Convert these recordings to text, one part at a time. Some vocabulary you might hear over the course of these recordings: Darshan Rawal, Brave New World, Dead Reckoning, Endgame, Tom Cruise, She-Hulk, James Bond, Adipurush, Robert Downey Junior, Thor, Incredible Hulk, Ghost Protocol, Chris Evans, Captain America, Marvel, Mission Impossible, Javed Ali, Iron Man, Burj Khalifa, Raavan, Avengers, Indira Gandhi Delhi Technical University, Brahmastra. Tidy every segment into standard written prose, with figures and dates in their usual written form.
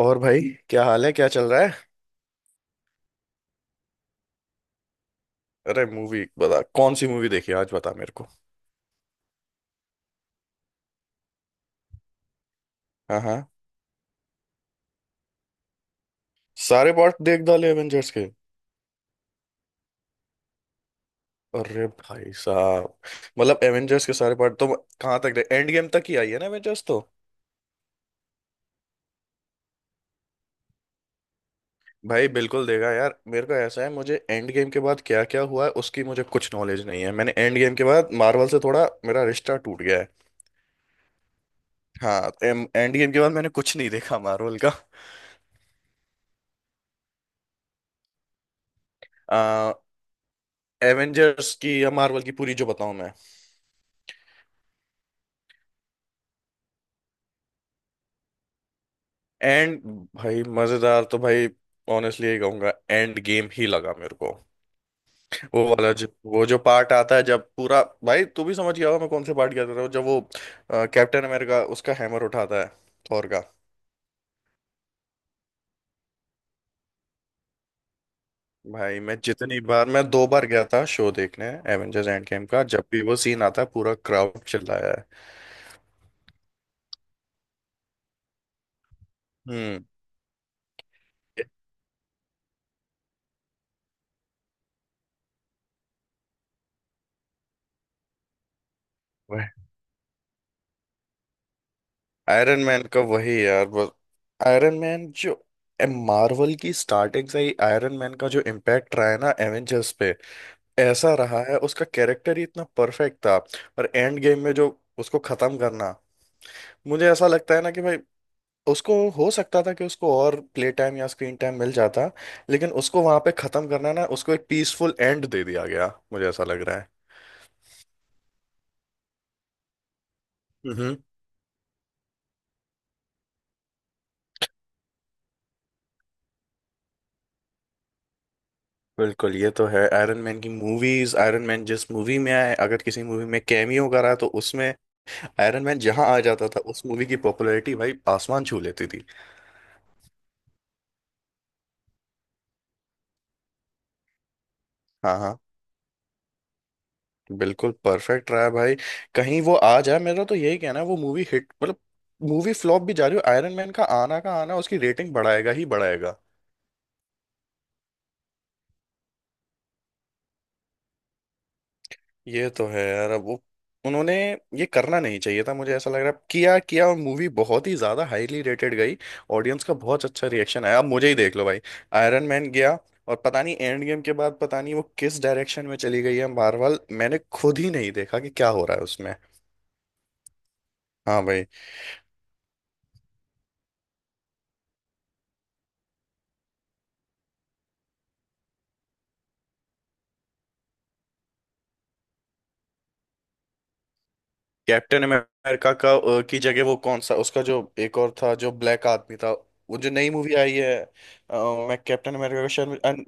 और भाई, क्या हाल है, क्या चल रहा है। अरे मूवी बता, कौन सी मूवी देखी आज, बता मेरे को। हाँ, हाँ। सारे पार्ट देख डाले एवेंजर्स के? अरे भाई साहब, मतलब एवेंजर्स के सारे पार्ट तो कहाँ तक, दे एंड गेम तक ही आई है ना एवेंजर्स तो। भाई बिल्कुल देगा यार, मेरे को ऐसा है, मुझे एंड गेम के बाद क्या क्या हुआ है उसकी मुझे कुछ नॉलेज नहीं है। मैंने एंड गेम के बाद मार्वल से थोड़ा मेरा रिश्ता टूट गया है। हाँ, एंड गेम के बाद मैंने कुछ नहीं देखा मार्वल का। आ, एवेंजर्स की या मार्वल की पूरी, जो बताऊं मैं? एंड भाई मजेदार तो भाई, ऑनेस्टली यही कहूंगा, एंड गेम ही लगा मेरे को। वो वाला जो वो जो पार्ट आता है, जब पूरा, भाई तू भी समझ गया होगा मैं कौन से पार्ट की बात कर रहा हूँ, जब वो कैप्टन अमेरिका उसका हैमर उठाता है, थॉर का। भाई मैं दो बार गया था शो देखने। एवेंजर्स एंड गेम का, जब भी वो सीन आता है पूरा क्राउड चिल्लाया है। हम्म आयरन मैन का वही यार बस। आयरन मैन जो, मार्वल की स्टार्टिंग से ही आयरन मैन का जो इम्पैक्ट रहा है ना एवेंजर्स पे, ऐसा रहा है, उसका कैरेक्टर ही इतना परफेक्ट था। और एंड गेम में जो उसको खत्म करना, मुझे ऐसा लगता है ना कि भाई उसको हो सकता था कि उसको और प्ले टाइम या स्क्रीन टाइम मिल जाता, लेकिन उसको वहां पे खत्म करना, ना उसको एक पीसफुल एंड दे दिया गया, मुझे ऐसा लग रहा है। हम्म बिल्कुल, ये तो है। आयरन मैन की मूवीज, आयरन मैन जिस मूवी में आए, अगर किसी मूवी में कैमियो करा तो उसमें, आयरन मैन जहां आ जाता था उस मूवी की पॉपुलैरिटी भाई आसमान छू लेती थी। हाँ, हाँ, बिल्कुल परफेक्ट रहा है भाई। कहीं वो आ जाए, मेरा तो यही कहना है, वो मूवी हिट, मतलब मूवी फ्लॉप भी जा रही हो, आयरन मैन का आना उसकी रेटिंग बढ़ाएगा ही बढ़ाएगा। ये तो है यार। अब वो, उन्होंने ये करना नहीं चाहिए था, मुझे ऐसा लग रहा है। किया किया, और मूवी बहुत ही ज्यादा हाईली रेटेड गई, ऑडियंस का बहुत अच्छा रिएक्शन आया। अब मुझे ही देख लो भाई, आयरन मैन गया, और पता नहीं एंड गेम के बाद पता नहीं वो किस डायरेक्शन में चली गई है मार्वल, मैंने खुद ही नहीं देखा कि क्या हो रहा है उसमें। हाँ भाई। कैप्टन अमेरिका का की जगह, वो कौन सा उसका जो एक और था जो ब्लैक आदमी था, वो जो नई मूवी आई है मैं, कैप्टन अमेरिका का शायद,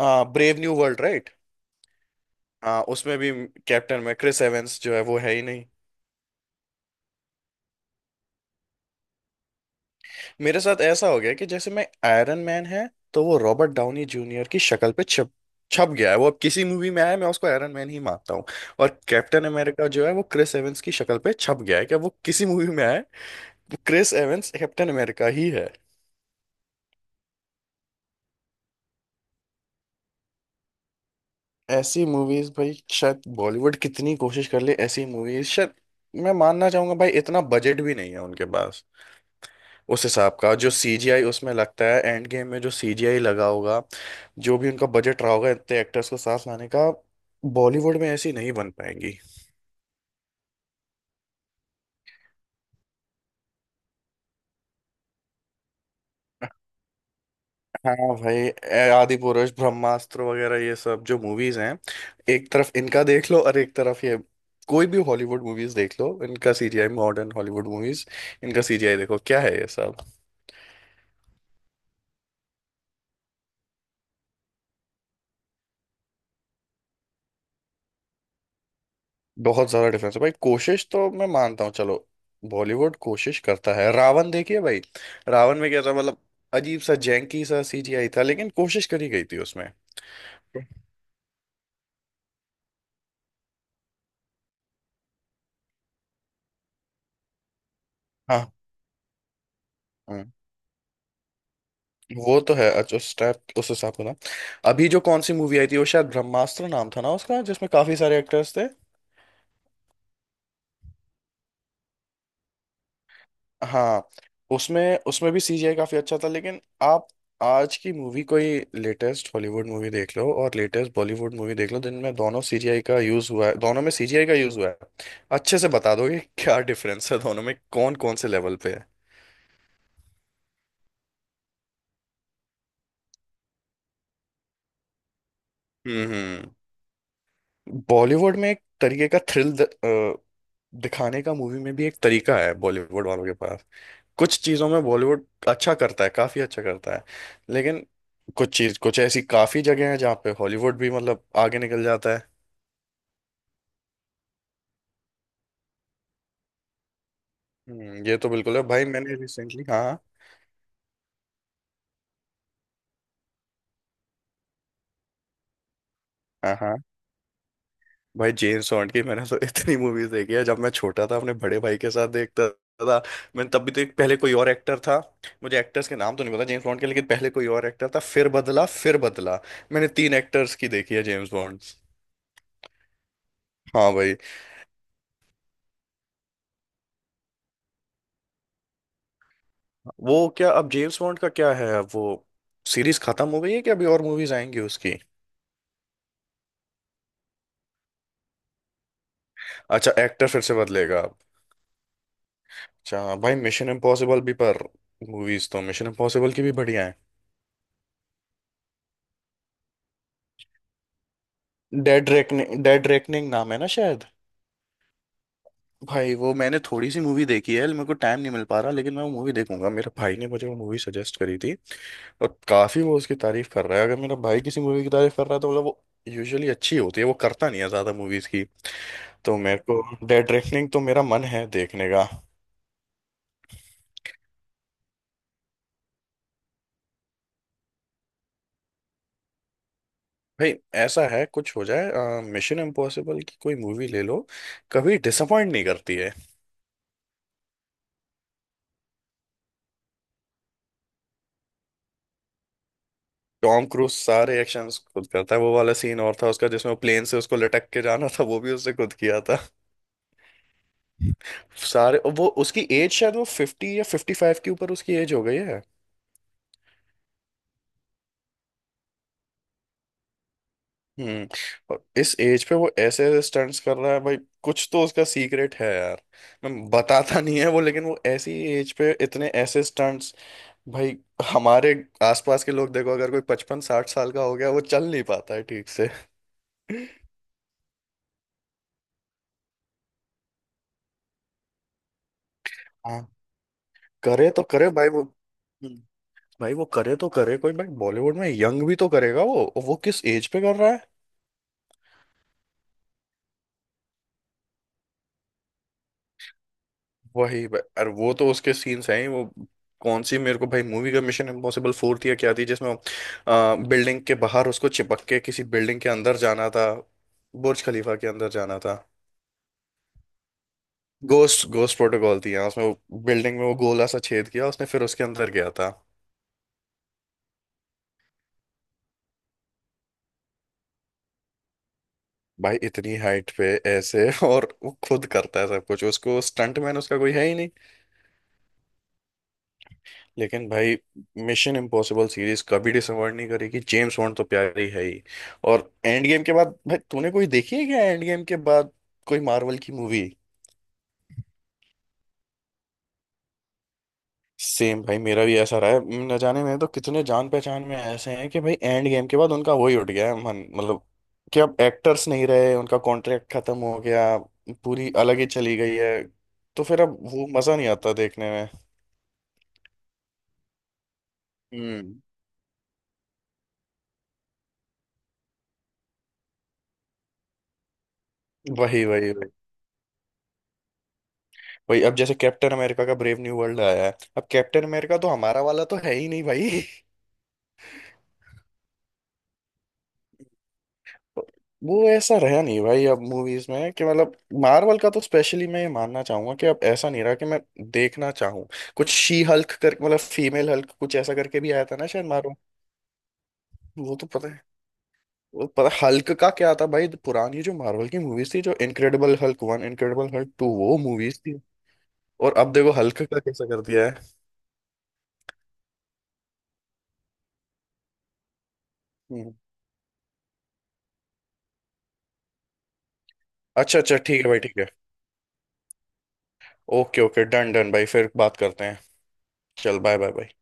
हाँ, ब्रेव न्यू वर्ल्ड, राइट। हाँ उसमें भी कैप्टन में क्रिस एवेंस जो है वो है ही नहीं। मेरे साथ ऐसा हो गया कि जैसे मैं, आयरन मैन है तो वो रॉबर्ट डाउनी जूनियर की शक्ल पे छप छप गया है। वो अब किसी मूवी में आया, मैं उसको आयरन मैन ही मानता हूँ। और कैप्टन अमेरिका जो है वो क्रिस एवेंस की शक्ल पे छप गया है, क्या वो किसी मूवी में आए, क्रिस एवेंस कैप्टन अमेरिका ही है। ऐसी मूवीज भाई, शायद बॉलीवुड कितनी कोशिश कर ले, ऐसी मूवीज शायद, मैं मानना चाहूंगा भाई, इतना बजट भी नहीं है उनके पास उस हिसाब का। जो सीजीआई उसमें लगता है, एंड गेम में जो सीजीआई लगा होगा, जो भी उनका बजट रहा होगा इतने एक्टर्स को साथ लाने का, बॉलीवुड में ऐसी नहीं बन पाएंगी। हाँ भाई आदि पुरुष, ब्रह्मास्त्र वगैरह ये सब जो मूवीज हैं, एक तरफ इनका देख लो और एक तरफ ये, कोई भी हॉलीवुड मूवीज देख लो, इनका सीजीआई, मॉडर्न हॉलीवुड मूवीज, इनका सीजीआई देखो क्या है, ये सब बहुत ज्यादा डिफरेंस है भाई। कोशिश तो मैं मानता हूँ, चलो बॉलीवुड कोशिश करता है, रावण देखिए भाई, रावण में क्या था, मतलब अजीब सा जैंकी सा सीजीआई था, लेकिन कोशिश करी गई थी उसमें। हाँ। हम्म, वो तो है, अच्छा उस उस हिसाब से ना। अभी जो कौन सी मूवी आई थी वो, शायद ब्रह्मास्त्र नाम था ना उसका, जिसमें काफी सारे एक्टर्स थे। हाँ, उसमें उसमें भी सीजीआई काफी अच्छा था। लेकिन आप आज की मूवी कोई लेटेस्ट हॉलीवुड मूवी देख लो और लेटेस्ट बॉलीवुड मूवी देख लो, जिनमें दोनों, सीजीआई का यूज हुआ है, दोनों में सीजीआई का यूज हुआ है, अच्छे से बता दोगे क्या डिफरेंस है दोनों में, कौन कौन से लेवल पे है। हम्म बॉलीवुड में एक तरीके का थ्रिल दिखाने का मूवी में भी, एक तरीका है बॉलीवुड वालों के पास, कुछ चीज़ों में बॉलीवुड अच्छा करता है, काफ़ी अच्छा करता है, लेकिन कुछ चीज़, कुछ ऐसी काफ़ी जगह हैं जहाँ पे हॉलीवुड भी मतलब आगे निकल जाता है। ये तो बिल्कुल है भाई। मैंने रिसेंटली, हाँ, हाँ, हाँ। भाई जेम्स बॉन्ड की मैंने तो इतनी मूवीज देखी है, जब मैं छोटा था अपने बड़े भाई के साथ देखता था। मैंने तब भी तो, एक पहले कोई और एक्टर था, मुझे एक्टर्स के नाम तो नहीं पता जेम्स बॉन्ड के, लेकिन पहले कोई और एक्टर था, फिर बदला, फिर बदला। मैंने तीन एक्टर्स की देखी है जेम्स बॉन्ड। हाँ भाई। वो क्या अब जेम्स बॉन्ड का क्या है, अब वो सीरीज खत्म हो गई है कि अभी और मूवीज आएंगी उसकी? अच्छा, एक्टर फिर से बदलेगा अब। अच्छा भाई, मिशन इम्पॉसिबल भी, पर मूवीज तो मिशन इम्पॉसिबल की भी बढ़िया है। डेड रेकनिंग, डेड रेकनिंग नाम है ना शायद। भाई वो मैंने थोड़ी सी मूवी देखी है, मेरे को टाइम नहीं मिल पा रहा, लेकिन मैं वो मूवी देखूंगा। मेरे भाई ने मुझे वो मूवी सजेस्ट करी थी, और काफी वो उसकी तारीफ कर रहा है। अगर मेरा भाई किसी मूवी की तारीफ कर रहा है तो मतलब वो यूजुअली अच्छी होती है, वो करता नहीं है ज्यादा मूवीज की। तो मेरे को डेड रेकनिंग तो मेरा मन है देखने का। भाई ऐसा है, कुछ हो जाए, मिशन इम्पॉसिबल की कोई मूवी ले लो, कभी डिसअपॉइंट नहीं करती है। टॉम क्रूज सारे एक्शंस खुद करता है, वो वाला सीन और था उसका जिसमें प्लेन से उसको लटक के जाना था, वो भी उसने खुद किया था। सारे, वो उसकी एज, शायद वो 50 या 55 के ऊपर उसकी एज हो गई है। हम्म। और इस एज पे वो ऐसे ऐसे स्टंट्स कर रहा है भाई, कुछ तो उसका सीक्रेट है यार, मैं बताता नहीं है वो, लेकिन वो ऐसी एज पे इतने ऐसे स्टंट्स, भाई हमारे आसपास के लोग देखो, अगर कोई 55 60 साल का हो गया वो चल नहीं पाता है ठीक से। हाँ, करे तो करे भाई वो। हम्म। भाई वो करे तो करे, कोई भाई बॉलीवुड में यंग भी तो करेगा, वो किस एज पे कर रहा है। वही भाई, अरे वो तो उसके सीन्स हैं ही। वो कौन सी मेरे को भाई मूवी का, मिशन इम्पॉसिबल 4 थी या क्या थी जिसमें बिल्डिंग के बाहर उसको चिपक के किसी बिल्डिंग के अंदर जाना था, बुर्ज खलीफा के अंदर जाना था? गोस्ट गोस्ट प्रोटोकॉल थी, यहाँ उसमें बिल्डिंग में वो गोला सा छेद किया उसने फिर उसके अंदर गया था। भाई इतनी हाइट पे ऐसे और वो खुद करता है सब कुछ, उसको स्टंट मैन उसका कोई है ही नहीं। लेकिन भाई, मिशन इम्पॉसिबल सीरीज कभी डिसअपॉइंट नहीं करेगी, जेम्स बॉन्ड तो प्यारी है ही। और एंड गेम के बाद भाई तूने कोई देखी है क्या, एंड गेम के बाद कोई मार्वल की मूवी? सेम भाई, मेरा भी ऐसा रहा है। न जाने में तो कितने, जान पहचान में ऐसे हैं कि भाई एंड गेम के बाद उनका वही उठ गया है मन, मतलब कि अब एक्टर्स नहीं रहे, उनका कॉन्ट्रैक्ट खत्म हो गया, पूरी अलग ही चली गई है। तो फिर अब वो मजा नहीं आता देखने में। हम्म। वही, वही, वही। वही अब, जैसे कैप्टन अमेरिका का ब्रेव न्यू वर्ल्ड आया है, अब कैप्टन अमेरिका तो हमारा वाला तो है ही नहीं भाई। वो ऐसा रहा नहीं भाई अब मूवीज में कि मतलब, मार्वल का तो स्पेशली मैं ये मानना चाहूंगा कि अब ऐसा नहीं रहा कि मैं देखना चाहूँ। कुछ शी हल्क कर, मतलब फीमेल हल्क कुछ ऐसा करके भी आया था ना शायद मारो। वो तो पता है, वो पता, हल्क का क्या था भाई, पुरानी जो मार्वल की मूवीज थी, जो इनक्रेडिबल हल्क 1, इनक्रेडिबल हल्क 2, वो मूवीज थी। और अब देखो हल्क का कैसा कर दिया है। हम्म। अच्छा अच्छा, ठीक है भाई, ठीक है, ओके, ओके, डन, डन भाई, फिर बात करते हैं। चल, बाय, बाय, बाय।